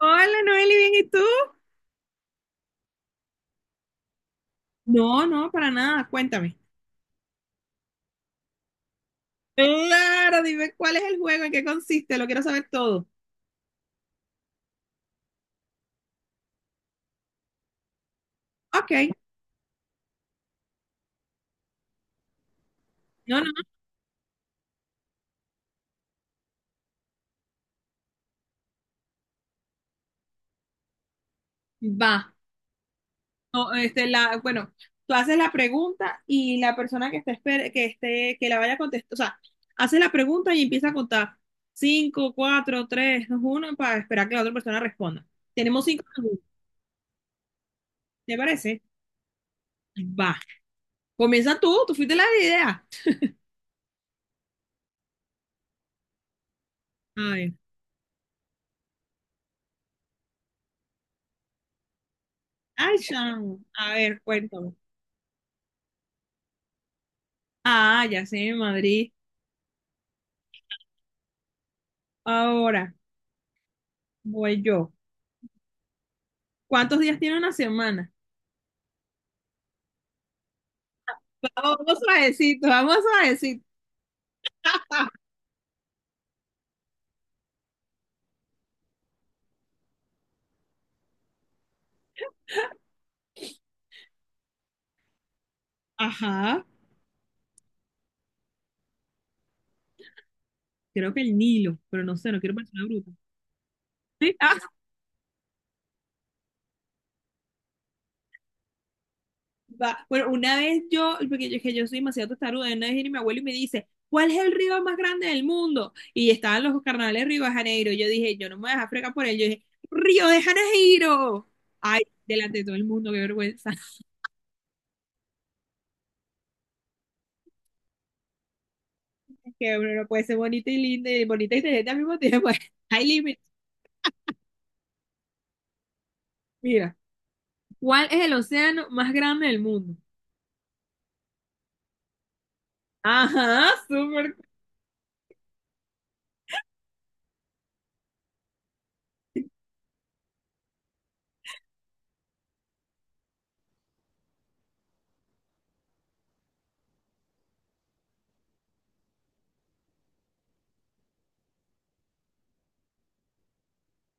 Hola, Noeli, ¿bien y tú? No, no, para nada, cuéntame. Claro, dime cuál es el juego, en qué consiste, lo quiero saber todo. Ok, no, no, va. No, bueno, tú haces la pregunta y la persona que esté, que esté, que la vaya a contestar, o sea, hace la pregunta y empieza a contar. Cinco, cuatro, tres, dos, uno, para esperar que la otra persona responda. Tenemos 5 minutos, ¿te parece? Va. Comienza tú, fuiste la idea. A ver. Ay, chamo. A ver, cuéntame. Ah, ya sé, Madrid. Ahora voy yo. ¿Cuántos días tiene una semana? Vamos suavecito, vamos suavecito. Ah, Ajá. Creo que el Nilo, pero no sé, no quiero parecer una bruta. Sí, va. Bueno, una vez yo, es que yo soy demasiado testaruda, una vez viene mi abuelo y me dice, ¿cuál es el río más grande del mundo? Y estaban los carnavales de Río de Janeiro. Yo dije, yo no me voy a dejar fregar por él. Yo dije, Río de Janeiro. Ay, delante de todo el mundo, qué vergüenza, que uno no puede ser bonita y linda y bonita y inteligente al mismo tiempo. Hay límites. Mira, ¿cuál es el océano más grande del mundo? Ajá, súper.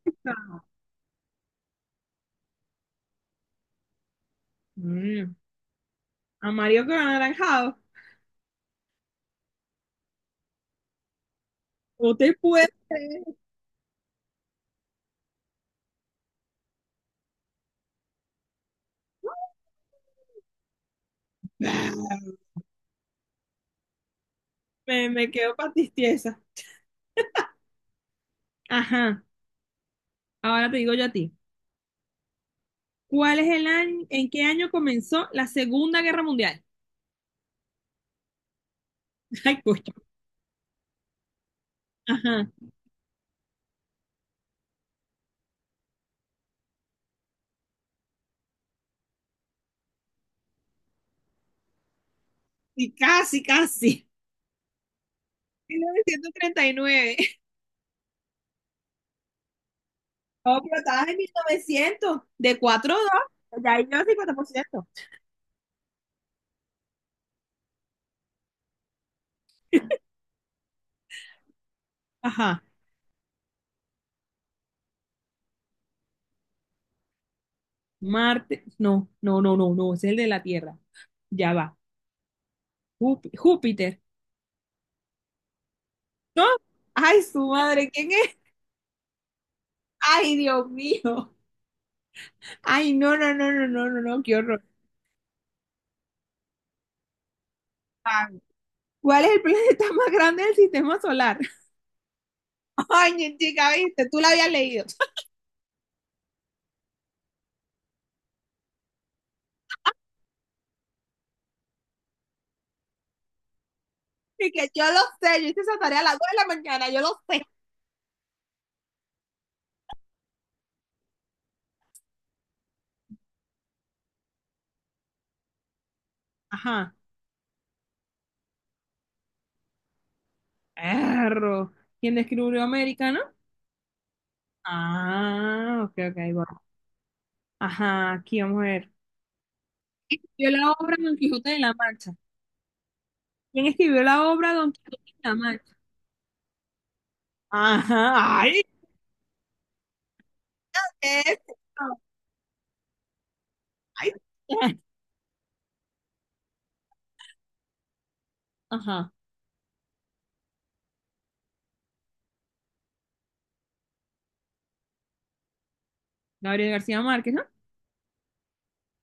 Cosa. Mm, amarillo con anaranjado. ¿Usted puede creer? Me quedo patistiesa. Ajá, ahora te digo yo a ti. ¿Cuál es el año, En qué año comenzó la Segunda Guerra Mundial? Ay, coño. Ajá. Y casi, casi. 1939. No, pero estabas en 1900, de 4 a 2, ya ahí lleva 50%. Ajá, Marte, no, no, no, no, no, ese es el de la Tierra, ya va, Júpiter, ¿no? Ay, su madre, ¿quién es? Ay, Dios mío, ay, no, no, no, no, no, no, no, qué horror. Ah, ¿cuál es el planeta más grande del sistema solar? Ay, chica, viste, tú la habías leído. Y que yo lo sé, yo hice esa tarea a las 2 de la mañana, yo lo sé. Ajá, perro. ¿Quién descubrió América, no? Ah, ok, ok, ahí voy. Ajá, aquí vamos a ver. ¿Quién escribió la obra Don Quijote de la Mancha? ¿Quién escribió la obra Don Quijote de la Mancha? Ajá, ay, ¿qué es esto? Ay, ajá, Gabriel García Márquez, ¿no?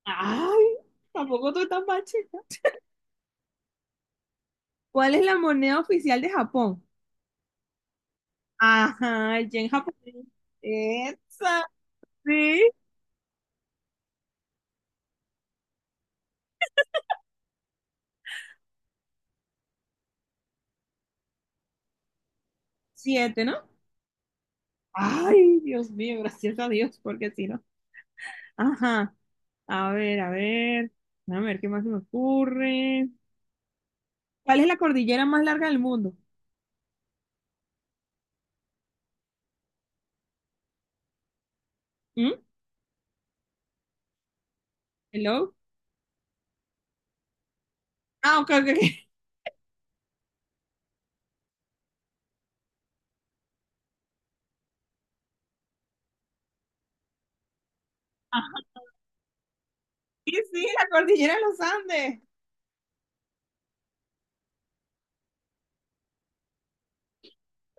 Ay, tampoco tú estás mal, chica. ¿Cuál es la moneda oficial de Japón? Ajá, el yen japonés. Esa, sí. Siete, ¿no? Ay, Dios mío, gracias a Dios, porque si no. Ajá. A ver, a ver, a ver qué más se me ocurre. ¿Cuál es la cordillera más larga del mundo? ¿Mm? ¿Hello? Ah, ok, ok, ok. Ajá. Sí, sí, la cordillera de los Andes.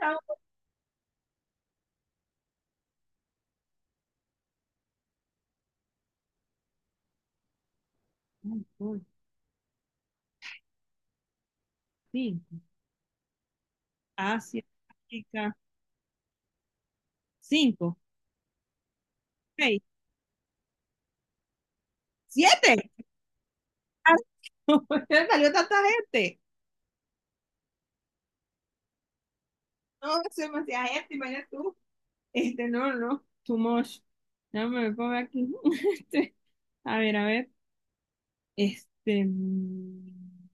Ah, uy, uy, cinco. Asia, África. Cinco, seis, siete. ¡Ay! ¿Por salió tanta gente? No, es demasiada gente, imagínate tú. No, no, too much. Déjame ver por aquí. Este, a ver, a ver. Este. mm,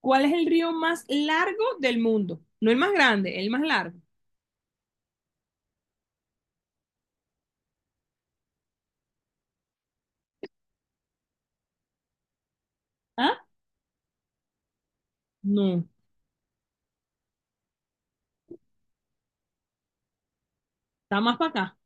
¿Cuál es el río más largo del mundo? No el más grande, el más largo. ¿Ah? No. ¿Está más para acá?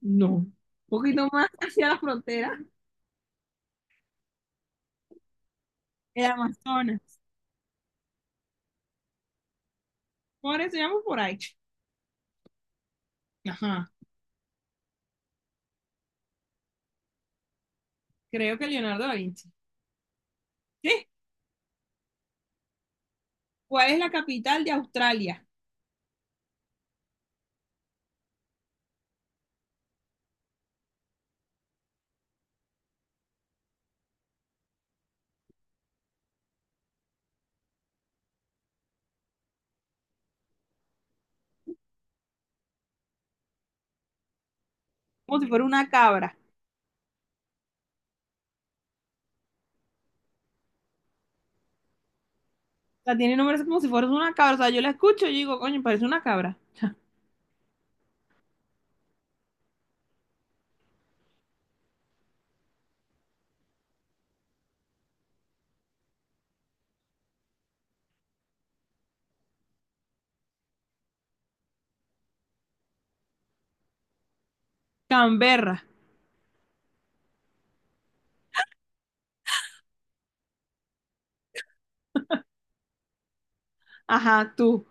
No. Un poquito más hacia la frontera, el Amazonas. Por eso llamo por ahí. Ajá. Creo que Leonardo da Vinci. ¿Sí? ¿Cuál es la capital de Australia? Como si fuera una cabra. O sea, tiene nombres como si fuera una cabra. O sea, yo la escucho y digo, coño, parece una cabra. Canberra. Ajá, tú.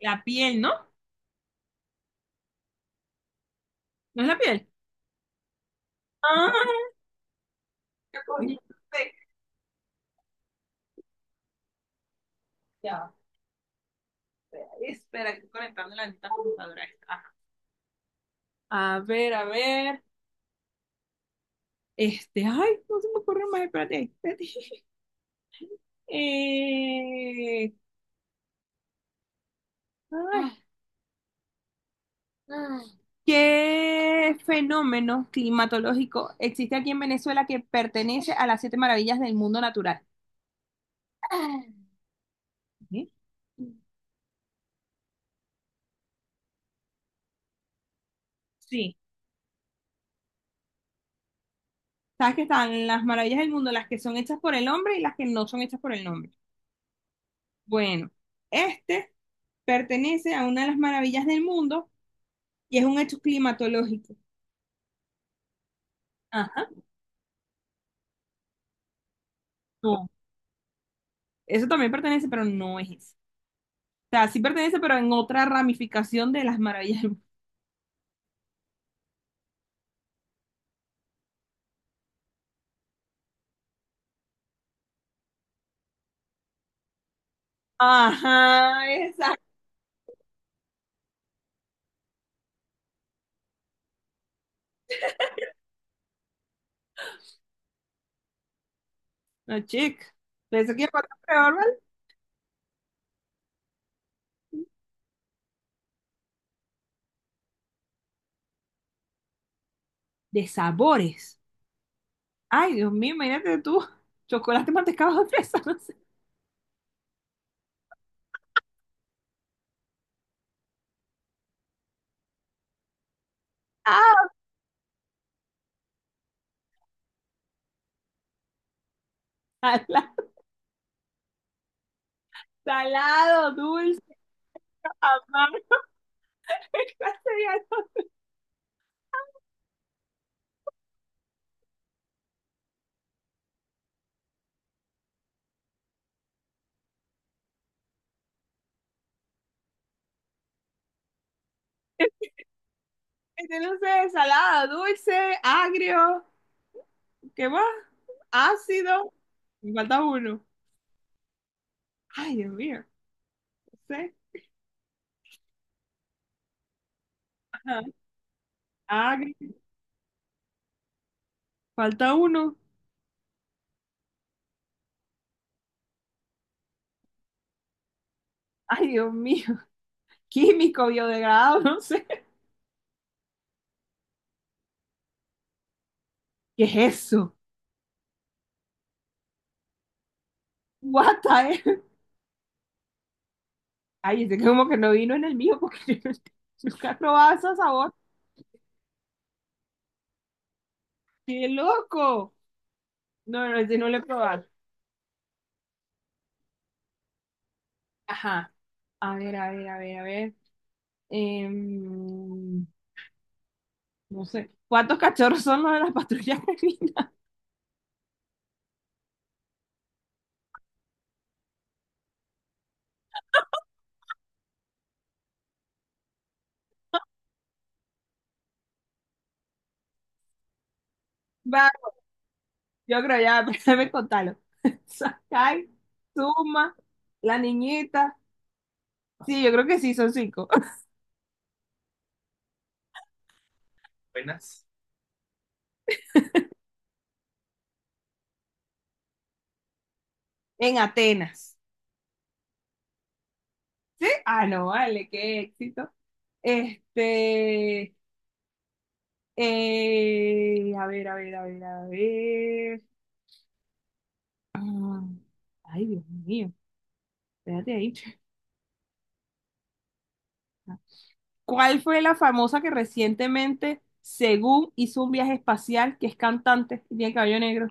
La piel, ¿no? ¿No es la piel? Ah, ya cogí. Ya. Espera, estoy conectando la neta computadora. Ajá. A ver, a ver. Ay, no se me ocurre más, espérate, espérate. Eh, ay, ¿Qué fenómeno climatológico existe aquí en Venezuela que pertenece a las siete maravillas del mundo natural? ¿Sí? Sí. ¿Sabes que están las maravillas del mundo, las que son hechas por el hombre y las que no son hechas por el hombre? Bueno, este pertenece a una de las maravillas del mundo y es un hecho climatológico. Ajá. No, eso también pertenece, pero no es eso. O sea, sí pertenece, pero en otra ramificación de las maravillas del mundo. Ajá, exacto. No, chica. Pensé que iba a contar peor, ¿vale? De sabores. Ay, Dios mío, imagínate tú. Chocolate, mantecado, fresa, no sé. Ah, Salado, salado, dulce, amargo. ¿Qué clase de algo? No sé, salado, dulce, agrio. ¿Qué más? Ácido. Me falta uno. Ay, Dios mío. C, ajá, agri, falta uno. Ay, Dios mío, químico, biodegradado, no sé. ¿Qué es eso? What the- Ay, es como que no vino en el mío porque yo no nunca he probado ese sabor. ¡Qué loco! No, no, ese no lo he probado. Ajá. A ver, a ver, a ver, a ver. Em, no sé. ¿Cuántos cachorros son los de la patrulla canina? Va, yo creo ya, déjame contarlo. Sakai, Suma, la niñita. Sí, yo creo que sí, son cinco. En Atenas. ¿Sí? Ah, no, vale, qué éxito. Este, a ver, a ver, a ver, a ver. Ah, ay, Dios mío, espérate ahí. ¿Cuál fue la famosa que recientemente, según hizo un viaje espacial, que es cantante y tiene cabello negro?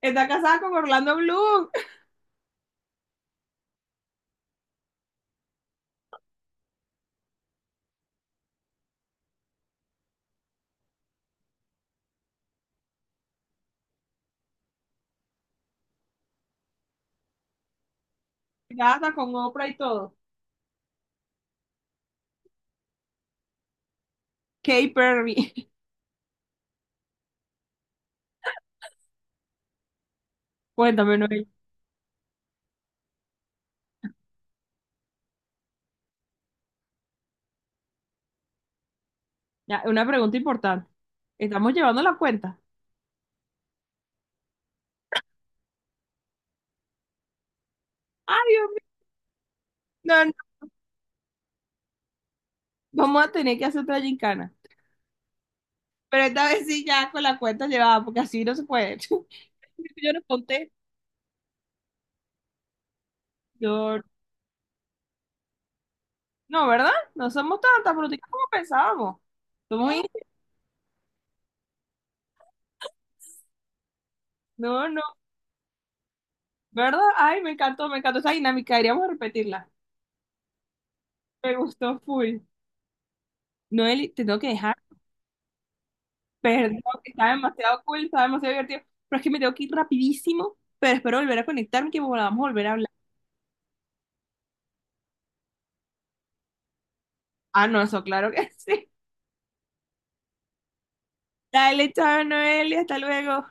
Está casada con Orlando Bloom, casada con Oprah y todo. Kay Perry. Cuéntame, Noel. Ya, una pregunta importante. ¿Estamos llevando la cuenta? Ay, Dios mío. No, vamos a tener que hacer otra gincana. Pero esta vez sí ya con la cuenta llevada, porque así no se puede. Yo no conté. Yo, no, ¿verdad? No somos tan bruticas como pensábamos. Somos... in- No, no. ¿Verdad? Ay, me encantó esa dinámica. Deberíamos repetirla. Me gustó full. Noeli, te tengo que dejar. Perdón, que está demasiado cool, está demasiado divertido. Pero es que me tengo que ir rapidísimo. Pero espero volver a conectarme y que volvamos a volver a hablar. Ah, no, eso claro que sí. Dale, chao, Noeli. Hasta luego.